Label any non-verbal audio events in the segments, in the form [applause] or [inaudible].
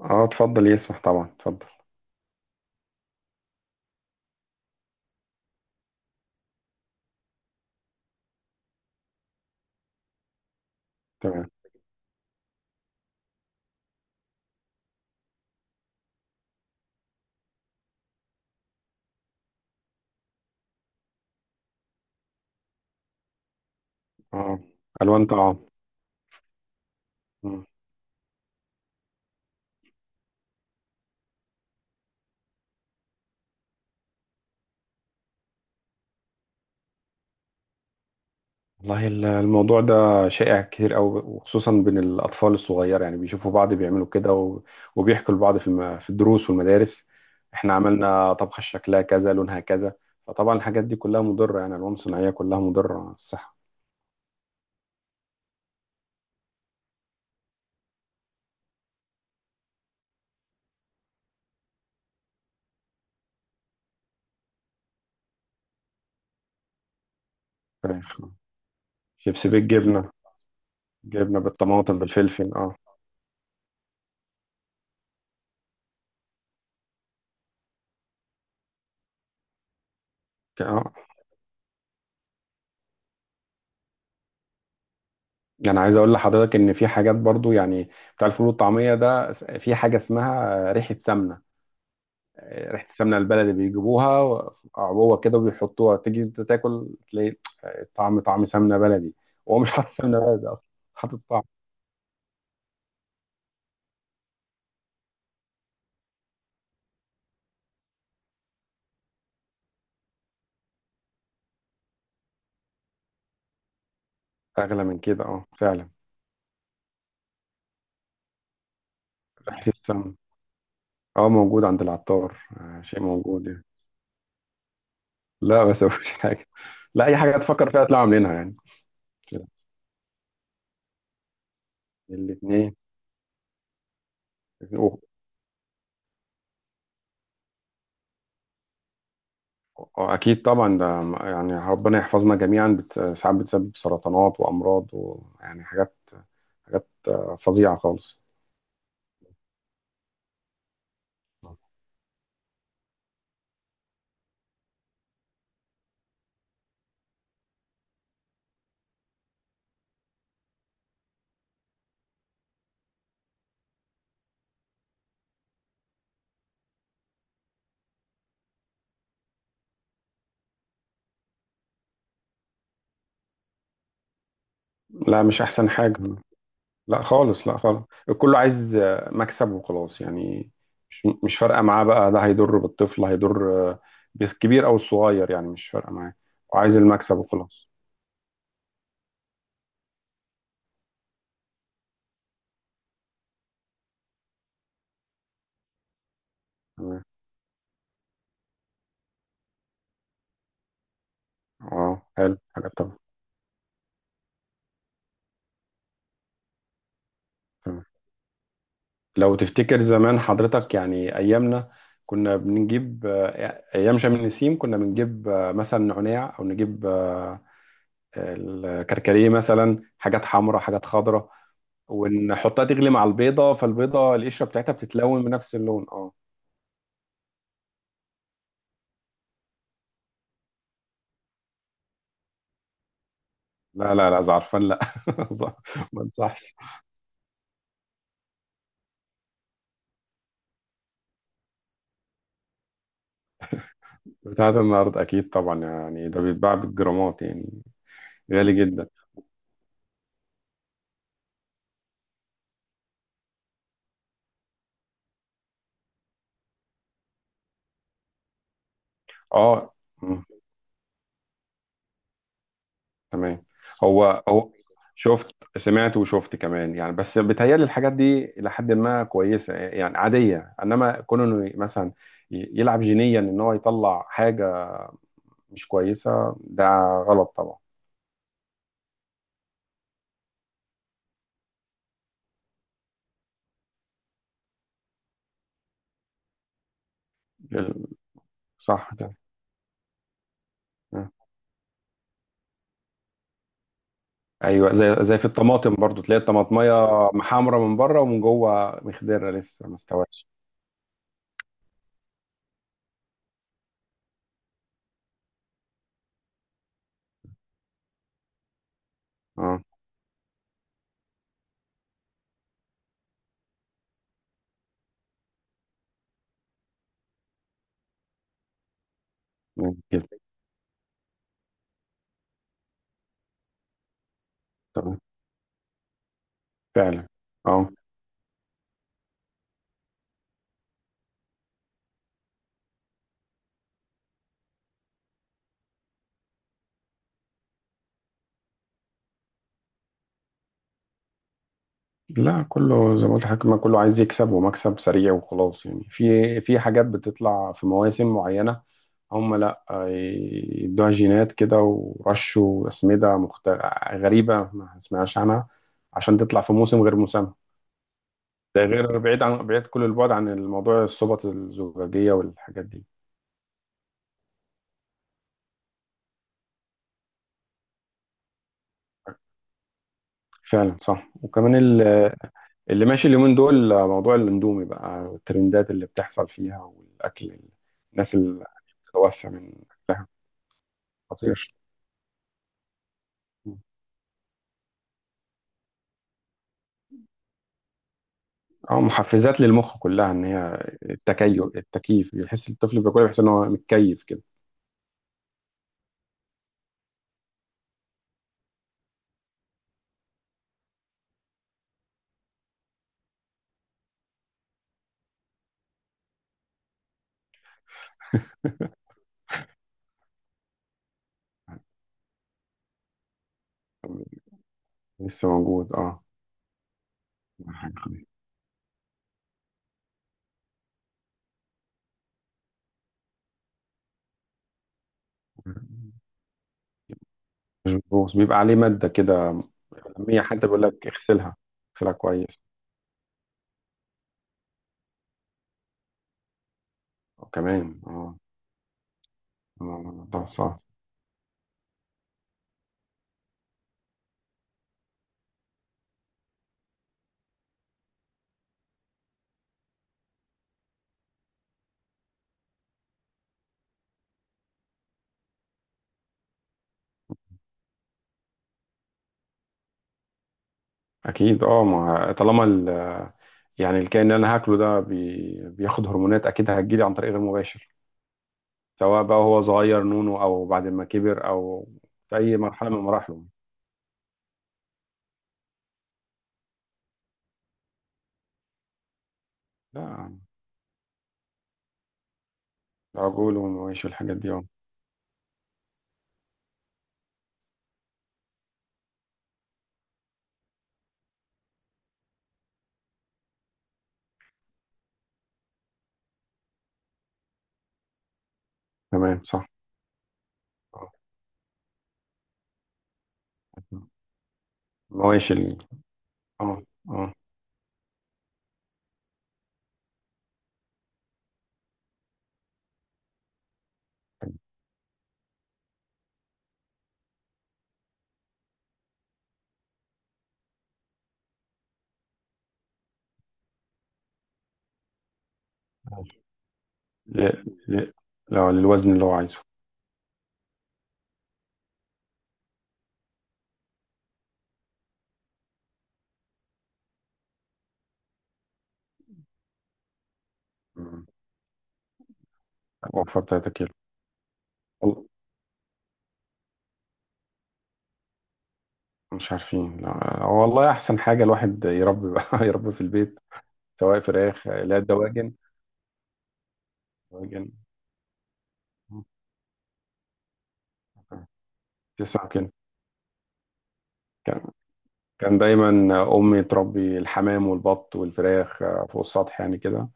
اه، اتفضل يسمح طبعا، اتفضل. تمام. اه، الوان طعام. مم. والله الموضوع ده شائع كتير قوي، وخصوصا بين الاطفال الصغيره، يعني بيشوفوا بعض بيعملوا كده وبيحكوا لبعض في في الدروس والمدارس. احنا عملنا طبخه شكلها كذا لونها كذا، فطبعا الحاجات دي كلها مضره، يعني الوان صناعيه كلها مضره على الصحه. فراخ. شيبسي بالجبنه. جبنه بالطماطم بالفلفل اه. ك- اه يعني عايز اقول لحضرتك ان في حاجات برضو يعني. بتاع الفول والطعميه ده في حاجه اسمها ريحه سمنه. ريحه السمنه البلدي بيجيبوها عبوه كده وبيحطوها، تيجي انت تاكل تلاقي طعم، طعم سمنه بلدي. هو مش حاطط سمنه بلدي اصلا، حاطط طعم. اغلى من كده اه فعلا. ريحه السمنه اه موجود عند العطار، شيء موجود يعني. لا بس مفيش حاجه. لا، اي حاجه تفكر فيها تطلع عاملينها يعني. الاثنين. اكيد طبعا، ده يعني ربنا يحفظنا جميعا، ساعات بتسبب سرطانات وامراض، ويعني حاجات فظيعه خالص. لا، مش احسن حاجه. لا خالص، لا خالص. الكل عايز مكسب وخلاص يعني. مش فارقه معاه بقى، ده هيضر بالطفل، هيضر بالكبير او الصغير يعني، مش فارقه معاه. وعايز المكسب وخلاص. تمام اه، حلو حاجه طبعا. تمام. لو تفتكر زمان حضرتك يعني، ايامنا كنا بنجيب ايام شم النسيم، كنا بنجيب مثلا نعناع، او نجيب الكركديه مثلا، حاجات حمراء حاجات خضراء، ونحطها تغلي مع البيضه، فالبيضه القشره بتاعتها بتتلون بنفس اللون اه. لا لا لا زعرفان، لا. [laughs] ما انصحش. بتاعت النهارده اكيد طبعا، يعني ده بيتباع بالجرامات يعني. غالي جدا. اه، مم، تمام. هو شفت، سمعت وشفت كمان يعني، بس بيتهيألي الحاجات دي إلى حد ما كويسة، يعني عادية، إنما كونه إنه مثلا يلعب جينيا إن هو يطلع حاجة مش كويسة، ده غلط طبعا. ال- صح كده. آه. ايوه، زي في الطماطم برضو تلاقي الطماطميه محمره من بره، ومن جوه مخضره لسه ما استوتش اه كده. تمام. فعلا اه. لا، كله زي ما قلت لحضرتك، ما كله عايز يكسب، ومكسب سريع وخلاص يعني، في حاجات بتطلع في مواسم معينه، هم لا يدوها جينات كده ورشوا اسمده غريبه ما سمعناش عنها، عشان تطلع في موسم غير موسمها. ده غير، بعيد عن بعيد كل البعد عن الموضوع، الصوبة الزجاجيه والحاجات دي. فعلا صح، وكمان اللي ماشي اليومين دول موضوع الاندومي بقى، والترندات اللي بتحصل فيها والاكل الناس اللي متوفى من. خطير. اه، محفزات للمخ كلها، ان هي التكيف بيحس الطفل بياكل، بيحس ان هو متكيف كده. لسه موجود اه. حاجة خفيفة. مظبوط، بيبقى عليه ماده كده. مهميه حتى بيقول لك اغسلها. اغسلها كويس. وكمان اه. آه، ده صح. اكيد اه، ما طالما يعني الكائن اللي انا هاكله ده بياخد هرمونات، اكيد هتجيلي عن طريق غير مباشر، سواء بقى هو صغير نونو، او بعد ما كبر، او في اي مرحله من مراحله. لا. العجول والمواشي والحاجات دي اه. تمام صح. آه. مواشي اه اه. ل... ل... لا، للوزن اللي هو عايزه. مم. وفر 3 كيلو. وال- مش عارفين لا. والله احسن حاجه الواحد يربي بقى، [laughs] يربي في البيت، سواء فراخ، لا، دواجن. دواجن. تسعة كده. كان كان دايما أمي تربي الحمام والبط والفراخ فوق السطح يعني كده،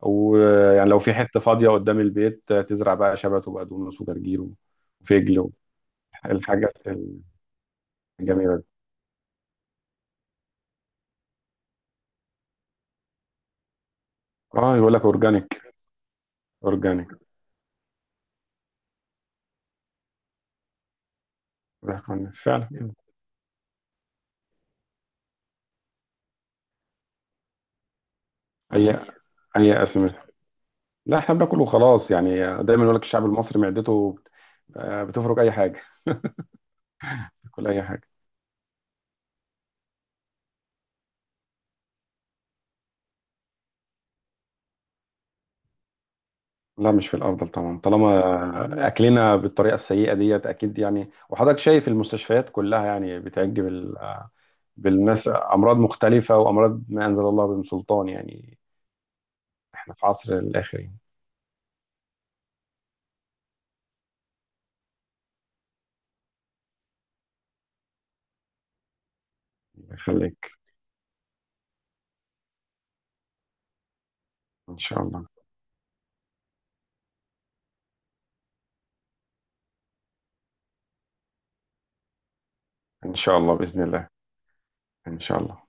ويعني لو في حتة فاضية قدام البيت تزرع بقى شبت وبقدونس وجرجير، وفجل. الحاجات الجميلة دي. اه، يقول لك اورجانيك. اورجانيك. فعلا كده. اي اي اسمده. لا، احنا بناكل وخلاص يعني. دايما يقول لك الشعب المصري معدته بتفرك اي حاجه. بتاكل اي حاجه. لا، مش في الافضل طبعا، طالما اكلنا بالطريقه السيئه ديت اكيد يعني، وحضرتك شايف المستشفيات كلها يعني بتعج بالناس، امراض مختلفه، وامراض ما انزل الله بهم سلطان يعني. احنا في عصر الاخر يعني. خليك. ان شاء الله. ان شاء الله باذن الله. ان شاء الله.